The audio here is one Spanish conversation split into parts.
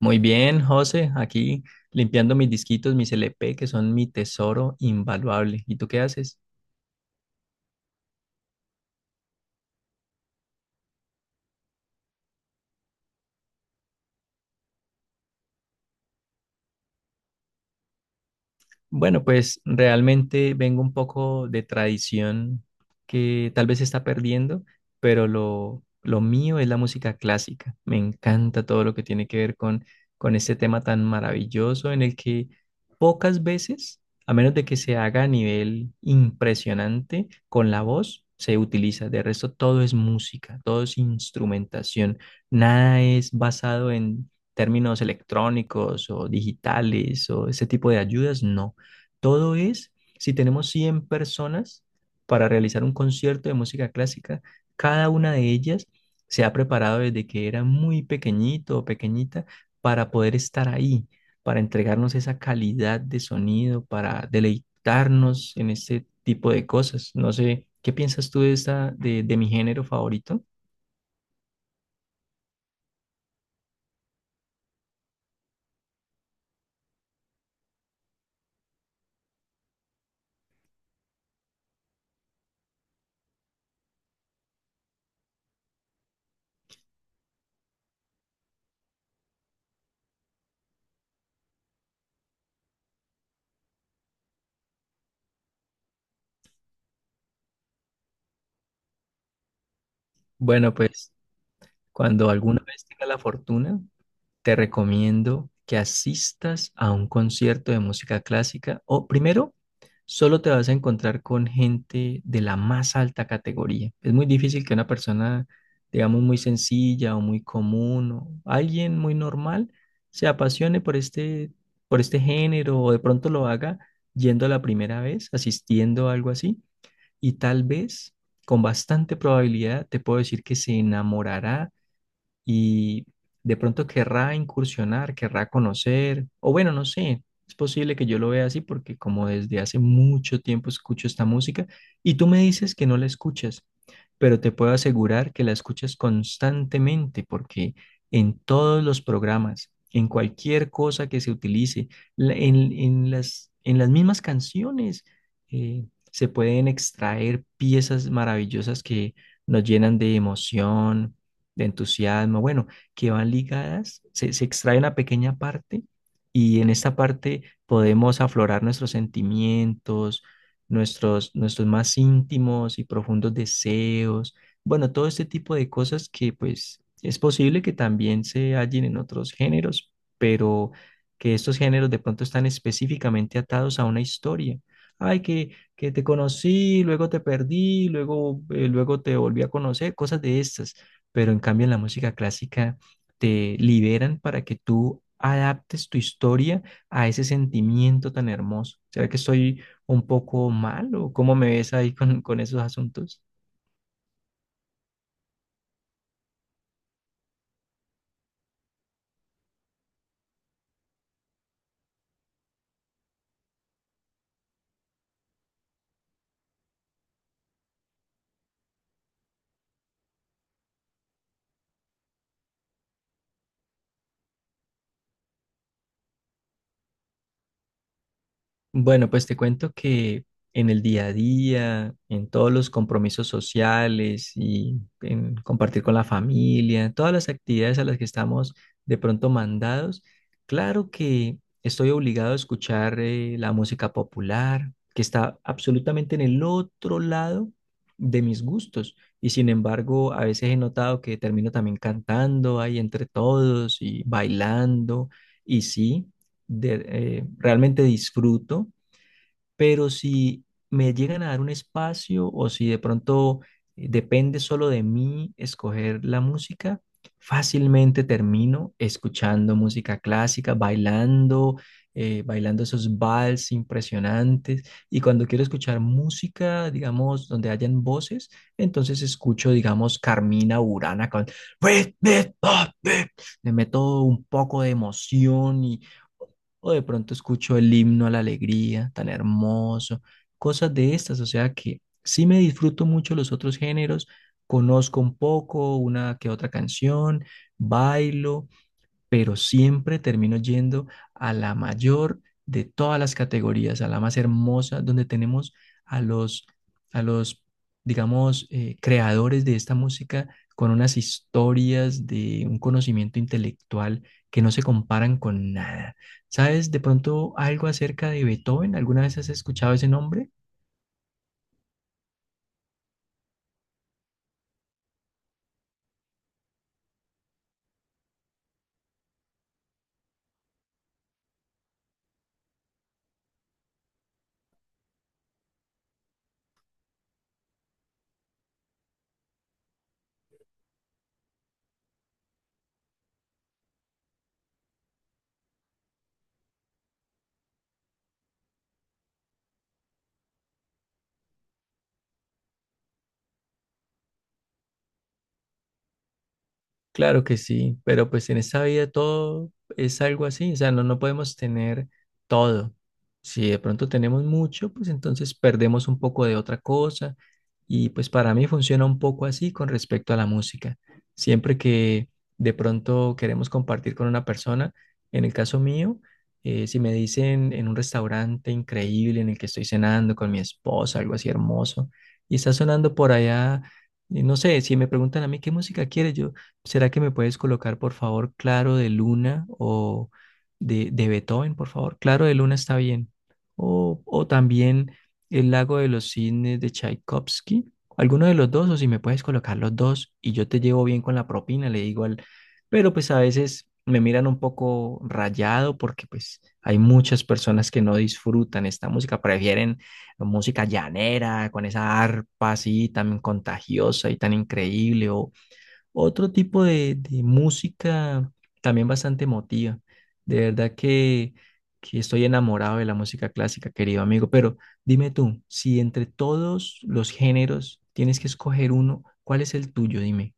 Muy bien, José, aquí limpiando mis disquitos, mis LP, que son mi tesoro invaluable. ¿Y tú qué haces? Bueno, pues realmente vengo un poco de tradición que tal vez se está perdiendo, pero lo mío es la música clásica. Me encanta todo lo que tiene que ver con este tema tan maravilloso en el que pocas veces, a menos de que se haga a nivel impresionante con la voz, se utiliza. De resto, todo es música, todo es instrumentación. Nada es basado en términos electrónicos o digitales o ese tipo de ayudas, no todo es, si tenemos 100 personas para realizar un concierto de música clásica, cada una de ellas se ha preparado desde que era muy pequeñito o pequeñita para poder estar ahí, para entregarnos esa calidad de sonido, para deleitarnos en este tipo de cosas. No sé, ¿qué piensas tú de esta, de mi género favorito? Bueno, pues cuando alguna vez tenga la fortuna te recomiendo que asistas a un concierto de música clásica o primero, solo te vas a encontrar con gente de la más alta categoría. Es muy difícil que una persona, digamos, muy sencilla o muy común o alguien muy normal se apasione por este género o de pronto lo haga yendo a la primera vez, asistiendo a algo así y tal vez... Con bastante probabilidad te puedo decir que se enamorará y de pronto querrá incursionar, querrá conocer, o bueno, no sé, es posible que yo lo vea así porque como desde hace mucho tiempo escucho esta música y tú me dices que no la escuchas, pero te puedo asegurar que la escuchas constantemente porque en todos los programas, en cualquier cosa que se utilice, en las mismas canciones, eh, se pueden extraer piezas maravillosas que nos llenan de emoción de entusiasmo, bueno, que van ligadas, se extrae una pequeña parte y en esta parte podemos aflorar nuestros sentimientos, nuestros más íntimos y profundos deseos, bueno, todo este tipo de cosas que pues es posible que también se hallen en otros géneros, pero que estos géneros de pronto están específicamente atados a una historia. Ay, que te conocí, luego te perdí, luego, luego te volví a conocer, cosas de estas, pero en cambio en la música clásica te liberan para que tú adaptes tu historia a ese sentimiento tan hermoso. ¿Será que estoy un poco mal o cómo me ves ahí con esos asuntos? Bueno, pues te cuento que en el día a día, en todos los compromisos sociales y en compartir con la familia, todas las actividades a las que estamos de pronto mandados, claro que estoy obligado a escuchar la música popular, que está absolutamente en el otro lado de mis gustos. Y sin embargo, a veces he notado que termino también cantando ahí entre todos y bailando. Y sí, de- realmente disfruto. Pero si me llegan a dar un espacio o si de pronto depende solo de mí escoger la música, fácilmente termino escuchando música clásica, bailando, bailando esos vals impresionantes. Y cuando quiero escuchar música, digamos, donde hayan voces, entonces escucho, digamos, Carmina Burana con... Le meto un poco de emoción y o de pronto escucho el himno a la alegría, tan hermoso, cosas de estas, o sea que sí me disfruto mucho los otros géneros, conozco un poco, una que otra canción, bailo, pero siempre termino yendo a la mayor de todas las categorías, a la más hermosa, donde tenemos a los digamos, creadores de esta música con unas historias de un conocimiento intelectual que no se comparan con nada. ¿Sabes de pronto algo acerca de Beethoven? ¿Alguna vez has escuchado ese nombre? Claro que sí, pero pues en esta vida todo es algo así, o sea, no, no podemos tener todo. Si de pronto tenemos mucho, pues entonces perdemos un poco de otra cosa y pues para mí funciona un poco así con respecto a la música. Siempre que de pronto queremos compartir con una persona, en el caso mío, si me dicen en un restaurante increíble en el que estoy cenando con mi esposa, algo así hermoso, y está sonando por allá, y no sé, si me preguntan a mí qué música quieres, yo... ¿Será que me puedes colocar, por favor, Claro de Luna o de Beethoven, por favor? Claro de Luna está bien. O también El lago de los cisnes de Tchaikovsky. Alguno de los dos, o si me puedes colocar los dos y yo te llevo bien con la propina, le digo al... Pero pues a veces me miran un poco rayado porque pues hay muchas personas que no disfrutan esta música, prefieren música llanera, con esa arpa así tan contagiosa y tan increíble, o, otro tipo de música también bastante emotiva. De verdad que estoy enamorado de la música clásica, querido amigo. Pero dime tú, si entre todos los géneros tienes que escoger uno, ¿cuál es el tuyo? Dime.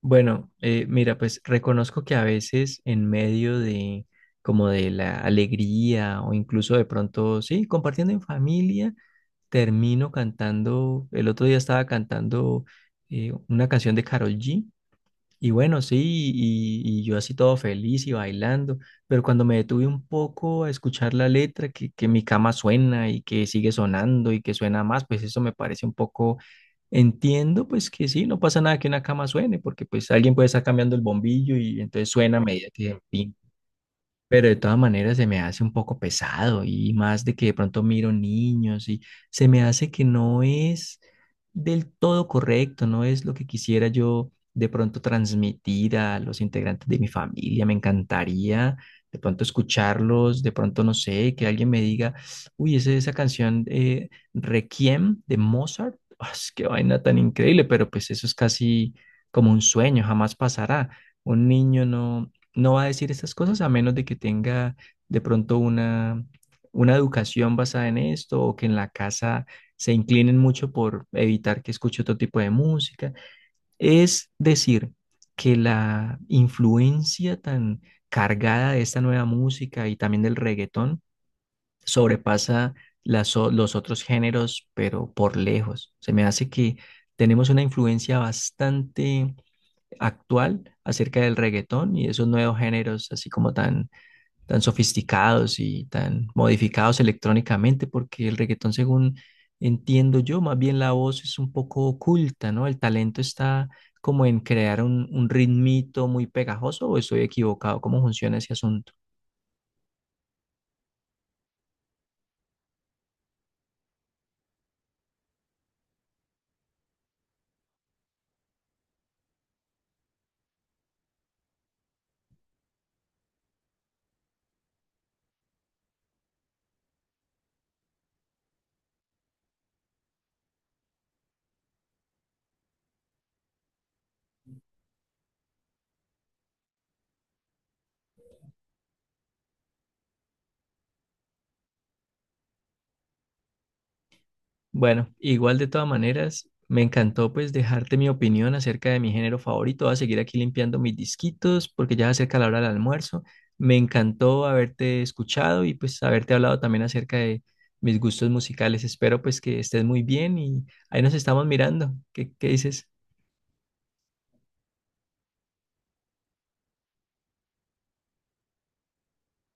Bueno, mira, pues reconozco que a veces en medio de como de la alegría o incluso de pronto, sí, compartiendo en familia, termino cantando, el otro día estaba cantando una canción de Karol G. Y bueno, sí, y yo así todo feliz y bailando, pero cuando me detuve un poco a escuchar la letra, que mi cama suena y que sigue sonando y que suena más, pues eso me parece un poco, entiendo pues que sí, no pasa nada que una cama suene, porque pues alguien puede estar cambiando el bombillo y entonces suena a medida que, pero de todas maneras se me hace un poco pesado y más de que de pronto miro niños y se me hace que no es del todo correcto, no es lo que quisiera yo de pronto transmitir a los integrantes de mi familia. Me encantaría de pronto escucharlos, de pronto no sé, que alguien me diga, uy, esa canción Requiem de Mozart, ah, es qué vaina tan increíble, pero pues eso es casi como un sueño, jamás pasará. Un niño no, no va a decir estas cosas a menos de que tenga de pronto una educación basada en esto o que en la casa se inclinen mucho por evitar que escuche otro tipo de música. Es decir, que la influencia tan cargada de esta nueva música y también del reggaetón sobrepasa los otros géneros, pero por lejos. Se me hace que tenemos una influencia bastante actual acerca del reggaetón y esos nuevos géneros así como tan, tan sofisticados y tan modificados electrónicamente, porque el reggaetón, según entiendo yo, más bien la voz es un poco oculta, ¿no? El talento está como en crear un ritmito muy pegajoso o estoy equivocado, ¿cómo funciona ese asunto? Bueno, igual de todas maneras, me encantó pues dejarte mi opinión acerca de mi género favorito. Voy a seguir aquí limpiando mis disquitos porque ya se acerca la hora del almuerzo. Me encantó haberte escuchado y pues haberte hablado también acerca de mis gustos musicales. Espero pues que estés muy bien y ahí nos estamos mirando. ¿Qué, qué dices?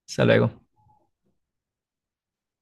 Hasta luego.